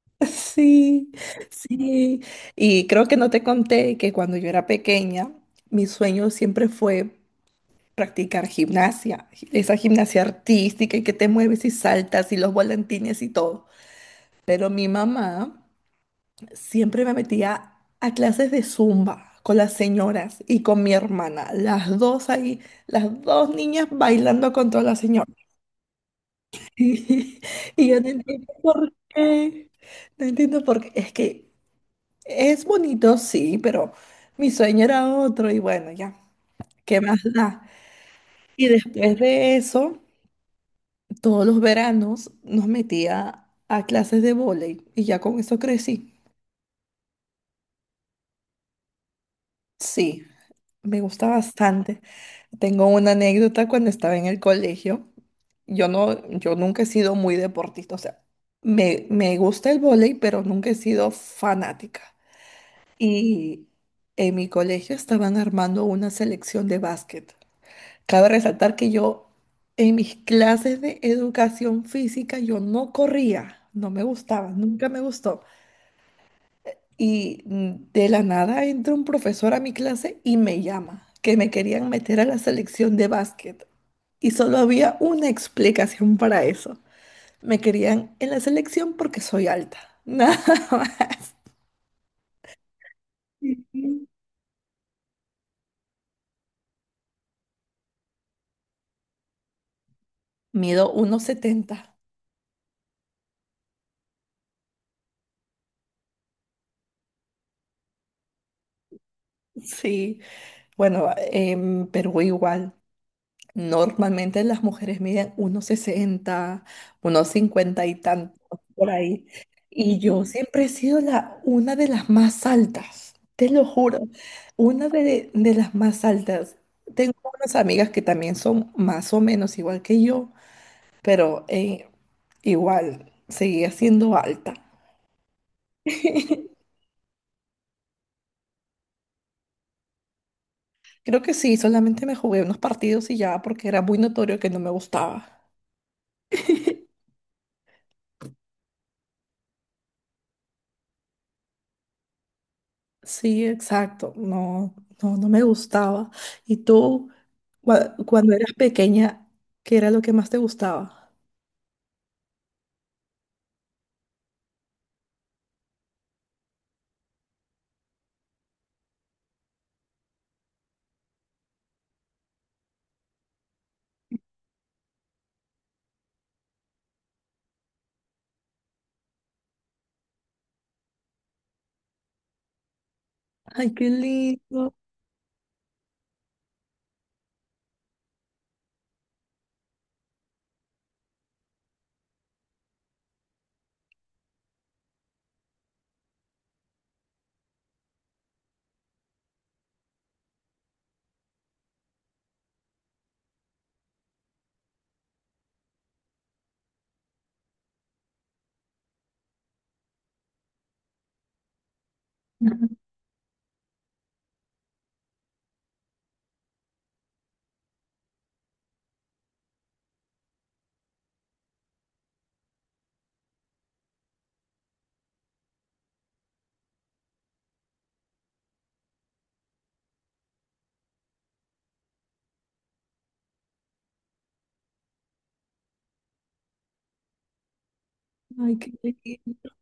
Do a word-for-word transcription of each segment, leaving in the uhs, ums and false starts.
Sí, sí. Y creo que no te conté que cuando yo era pequeña, mi sueño siempre fue practicar gimnasia, gi- esa gimnasia artística y que te mueves y saltas y los volantines y todo. Pero mi mamá siempre me metía a clases de zumba con las señoras y con mi hermana, las dos ahí, las dos niñas bailando con todas las señoras. Y, yo no entiendo por qué, no entiendo por qué, es que... Es bonito, sí, pero mi sueño era otro y bueno, ya, ¿qué más da? Y después de eso, todos los veranos nos metía a clases de vóley y ya con eso crecí. Sí, me gusta bastante. Tengo una anécdota cuando estaba en el colegio. Yo no, yo nunca he sido muy deportista, o sea, me, me gusta el vóley, pero nunca he sido fanática. Y en mi colegio estaban armando una selección de básquet. Cabe resaltar que yo en mis clases de educación física yo no corría, no me gustaba, nunca me gustó. Y mm, de la nada entra un profesor a mi clase y me llama, que me querían meter a la selección de básquet. Y solo había una explicación para eso. Me querían en la selección porque soy alta. Nada más. Ujú. Mido uno setenta. Sí, bueno, en Perú igual. Normalmente las mujeres miden unos sesenta, unos cincuenta y tantos por ahí. Y yo siempre he sido la, una de las más altas, te lo juro, una de, de las más altas. Tengo unas amigas que también son más o menos igual que yo, pero eh, igual seguía siendo alta. Creo que sí, solamente me jugué unos partidos y ya porque era muy notorio que no me gustaba. Sí, exacto. No, no, no me gustaba. ¿Y tú, cua- cuando eras pequeña, qué era lo que más te gustaba? Ay, qué lindo. Ajá. Ay, qué lindo.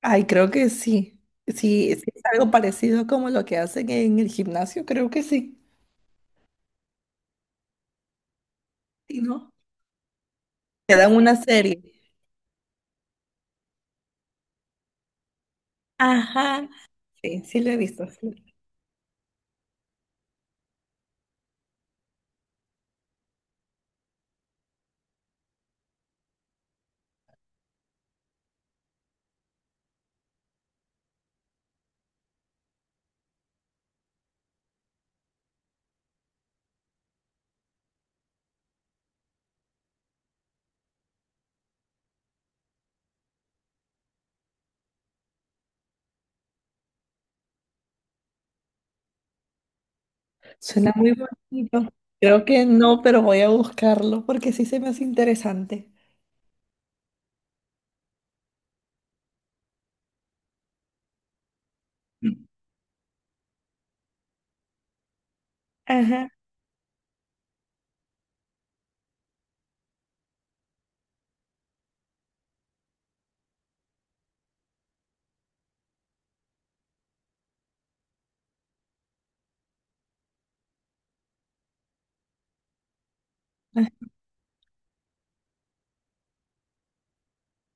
Ay, creo que sí. Sí, sí, es algo parecido como lo que hacen en el gimnasio, creo que sí. Sí, ¿no? Te dan una serie. Ajá. Sí, sí lo he visto. Sí. Suena muy bonito. Creo que no, pero voy a buscarlo porque sí se me hace interesante. Mm. Ajá.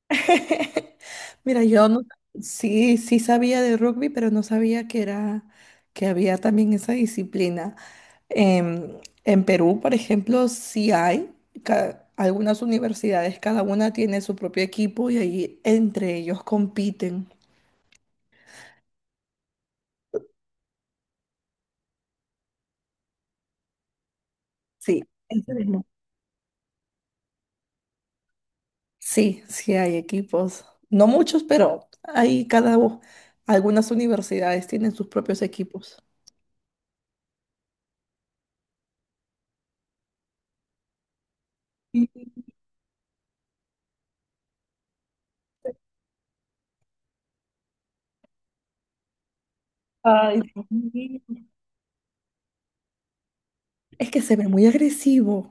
Mira, yo no, sí, sí sabía de rugby, pero no sabía que era, que había también esa disciplina. En, en Perú, por ejemplo, sí hay ca- algunas universidades, cada una tiene su propio equipo y ahí entre ellos compiten. Sí, ese mismo. Sí, sí hay equipos. No muchos, pero hay cada u- algunas universidades tienen sus propios equipos. Ay, Dios mío. Es que se ve muy agresivo.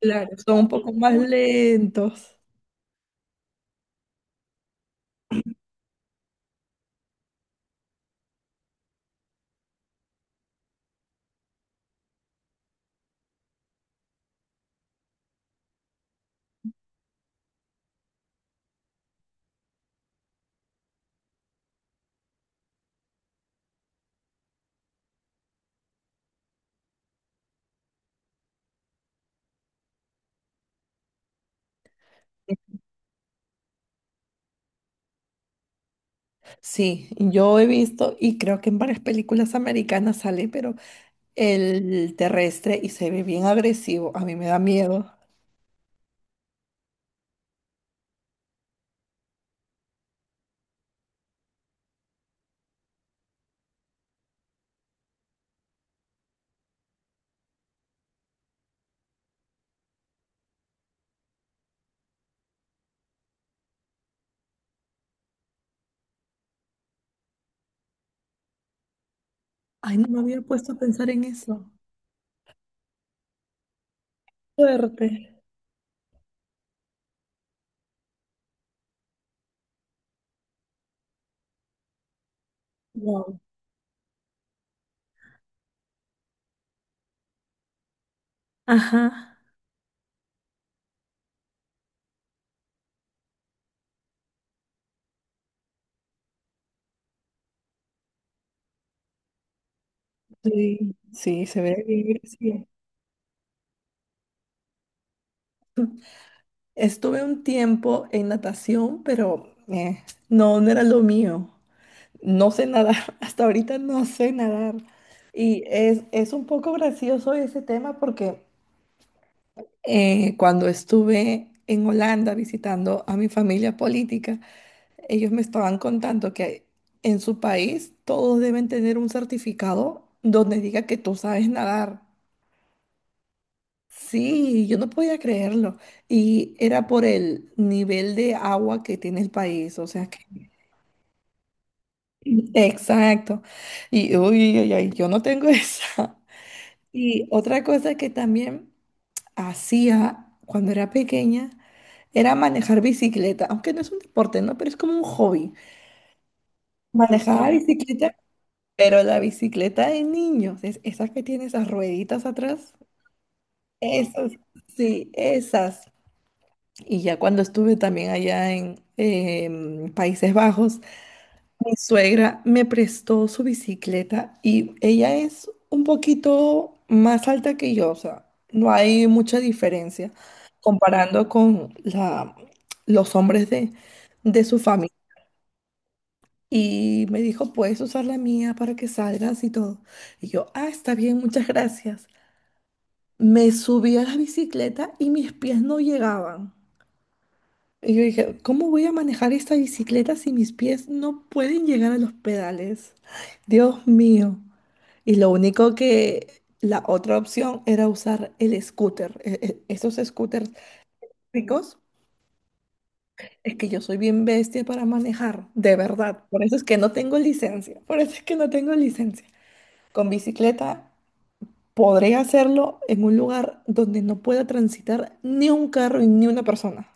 Claro, son un poco más lentos. Sí, yo he visto y creo que en varias películas americanas sale, pero el terrestre y se ve bien agresivo. A mí me da miedo. Ay, no me había puesto a pensar en eso. Fuerte. Wow. Ajá. Sí, sí, se ve bien agresivo. Estuve un tiempo en natación, pero eh, no, no era lo mío. No sé nadar, hasta ahorita no sé nadar. Y es, es un poco gracioso ese tema porque eh, cuando estuve en Holanda visitando a mi familia política, ellos me estaban contando que en su país todos deben tener un certificado donde diga que tú sabes nadar. Sí, yo no podía creerlo. Y era por el nivel de agua que tiene el país, o sea que... Exacto. Y uy, ay, ay, yo no tengo esa. Y otra cosa que también hacía cuando era pequeña era manejar bicicleta, aunque no es un deporte, ¿no? Pero es como un hobby. Manejaba sí, bicicleta, pero la bicicleta de niños, es esa que tiene esas rueditas atrás, esas, sí, esas. Y ya cuando estuve también allá en em, Países Bajos, mi suegra me prestó su bicicleta y ella es un poquito más alta que yo, o sea, no hay mucha diferencia comparando con la, los hombres de, de su familia. Y me dijo, puedes usar la mía para que salgas y todo. Y yo, ah, está bien, muchas gracias. Me subí a la bicicleta y mis pies no llegaban. Y yo dije, ¿cómo voy a manejar esta bicicleta si mis pies no pueden llegar a los pedales? Dios mío. Y lo único que la otra opción era usar el scooter. e- e- Esos scooters ricos, es que yo soy bien bestia para manejar, de verdad. Por eso es que no tengo licencia. Por eso es que no tengo licencia. Con bicicleta podré hacerlo en un lugar donde no pueda transitar ni un carro y ni una persona.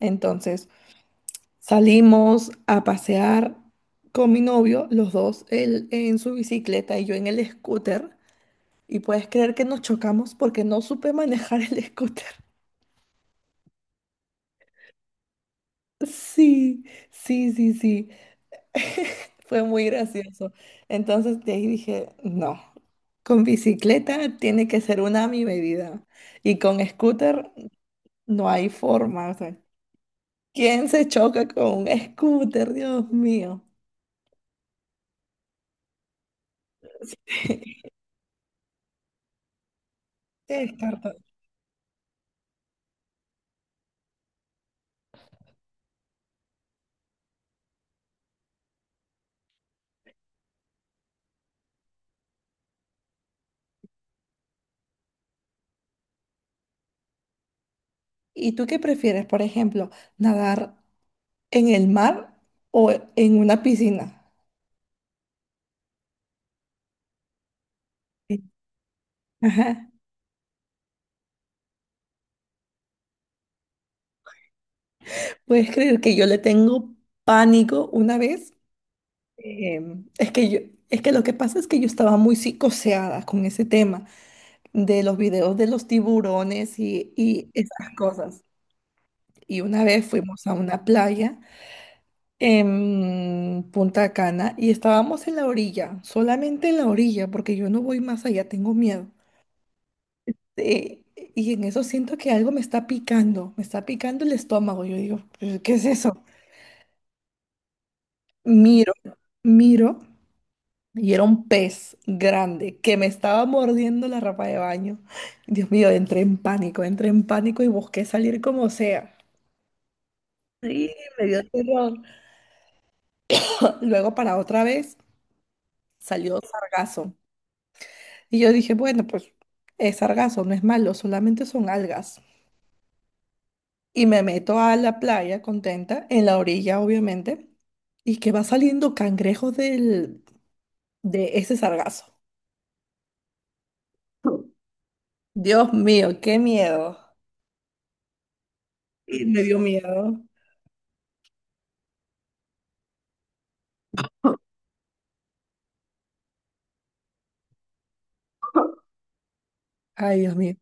Entonces, salimos a pasear con mi novio, los dos, él en su bicicleta y yo en el scooter. Y puedes creer que nos chocamos porque no supe manejar el scooter. Sí, sí, sí, sí. Fue muy gracioso. Entonces de ahí dije, no, con bicicleta tiene que ser una a mi medida. Y con scooter no hay forma. O sea, ¿quién se choca con un scooter? Dios mío. Te descarto. ¿Y tú qué prefieres, por ejemplo, nadar en el mar o en una piscina? Sí. Ajá. ¿Puedes creer que yo le tengo pánico una vez? Em, es que yo, es que lo que pasa es que yo estaba muy psicoseada con ese tema de los videos de los tiburones y, y esas cosas. Y una vez fuimos a una playa en Punta Cana y estábamos en la orilla, solamente en la orilla, porque yo no voy más allá, tengo miedo. Eh, y en eso siento que algo me está picando, me está picando el estómago. Yo digo, "¿Pero ¿qué es eso? Miro, miro. Y era un pez grande que me estaba mordiendo la ropa de baño. Dios mío, entré en pánico, entré en pánico y busqué salir como sea. Sí, me dio terror. Luego para otra vez salió sargazo. Y yo dije, bueno, pues es sargazo, no es malo, solamente son algas. Y me meto a la playa contenta, en la orilla obviamente, y que va saliendo cangrejos del, de ese sargazo. Dios mío, qué miedo. Y me dio miedo. Ay, Dios mío.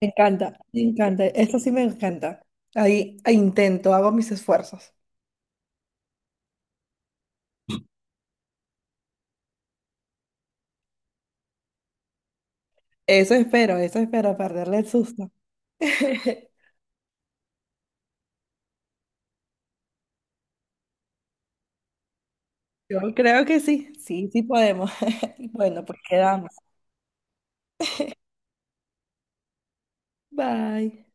Me encanta, me encanta. Eso sí me encanta. Ahí intento, hago mis esfuerzos. Eso espero, eso espero, perderle el susto. Yo creo que sí, sí, sí podemos. Bueno, pues quedamos. Bye.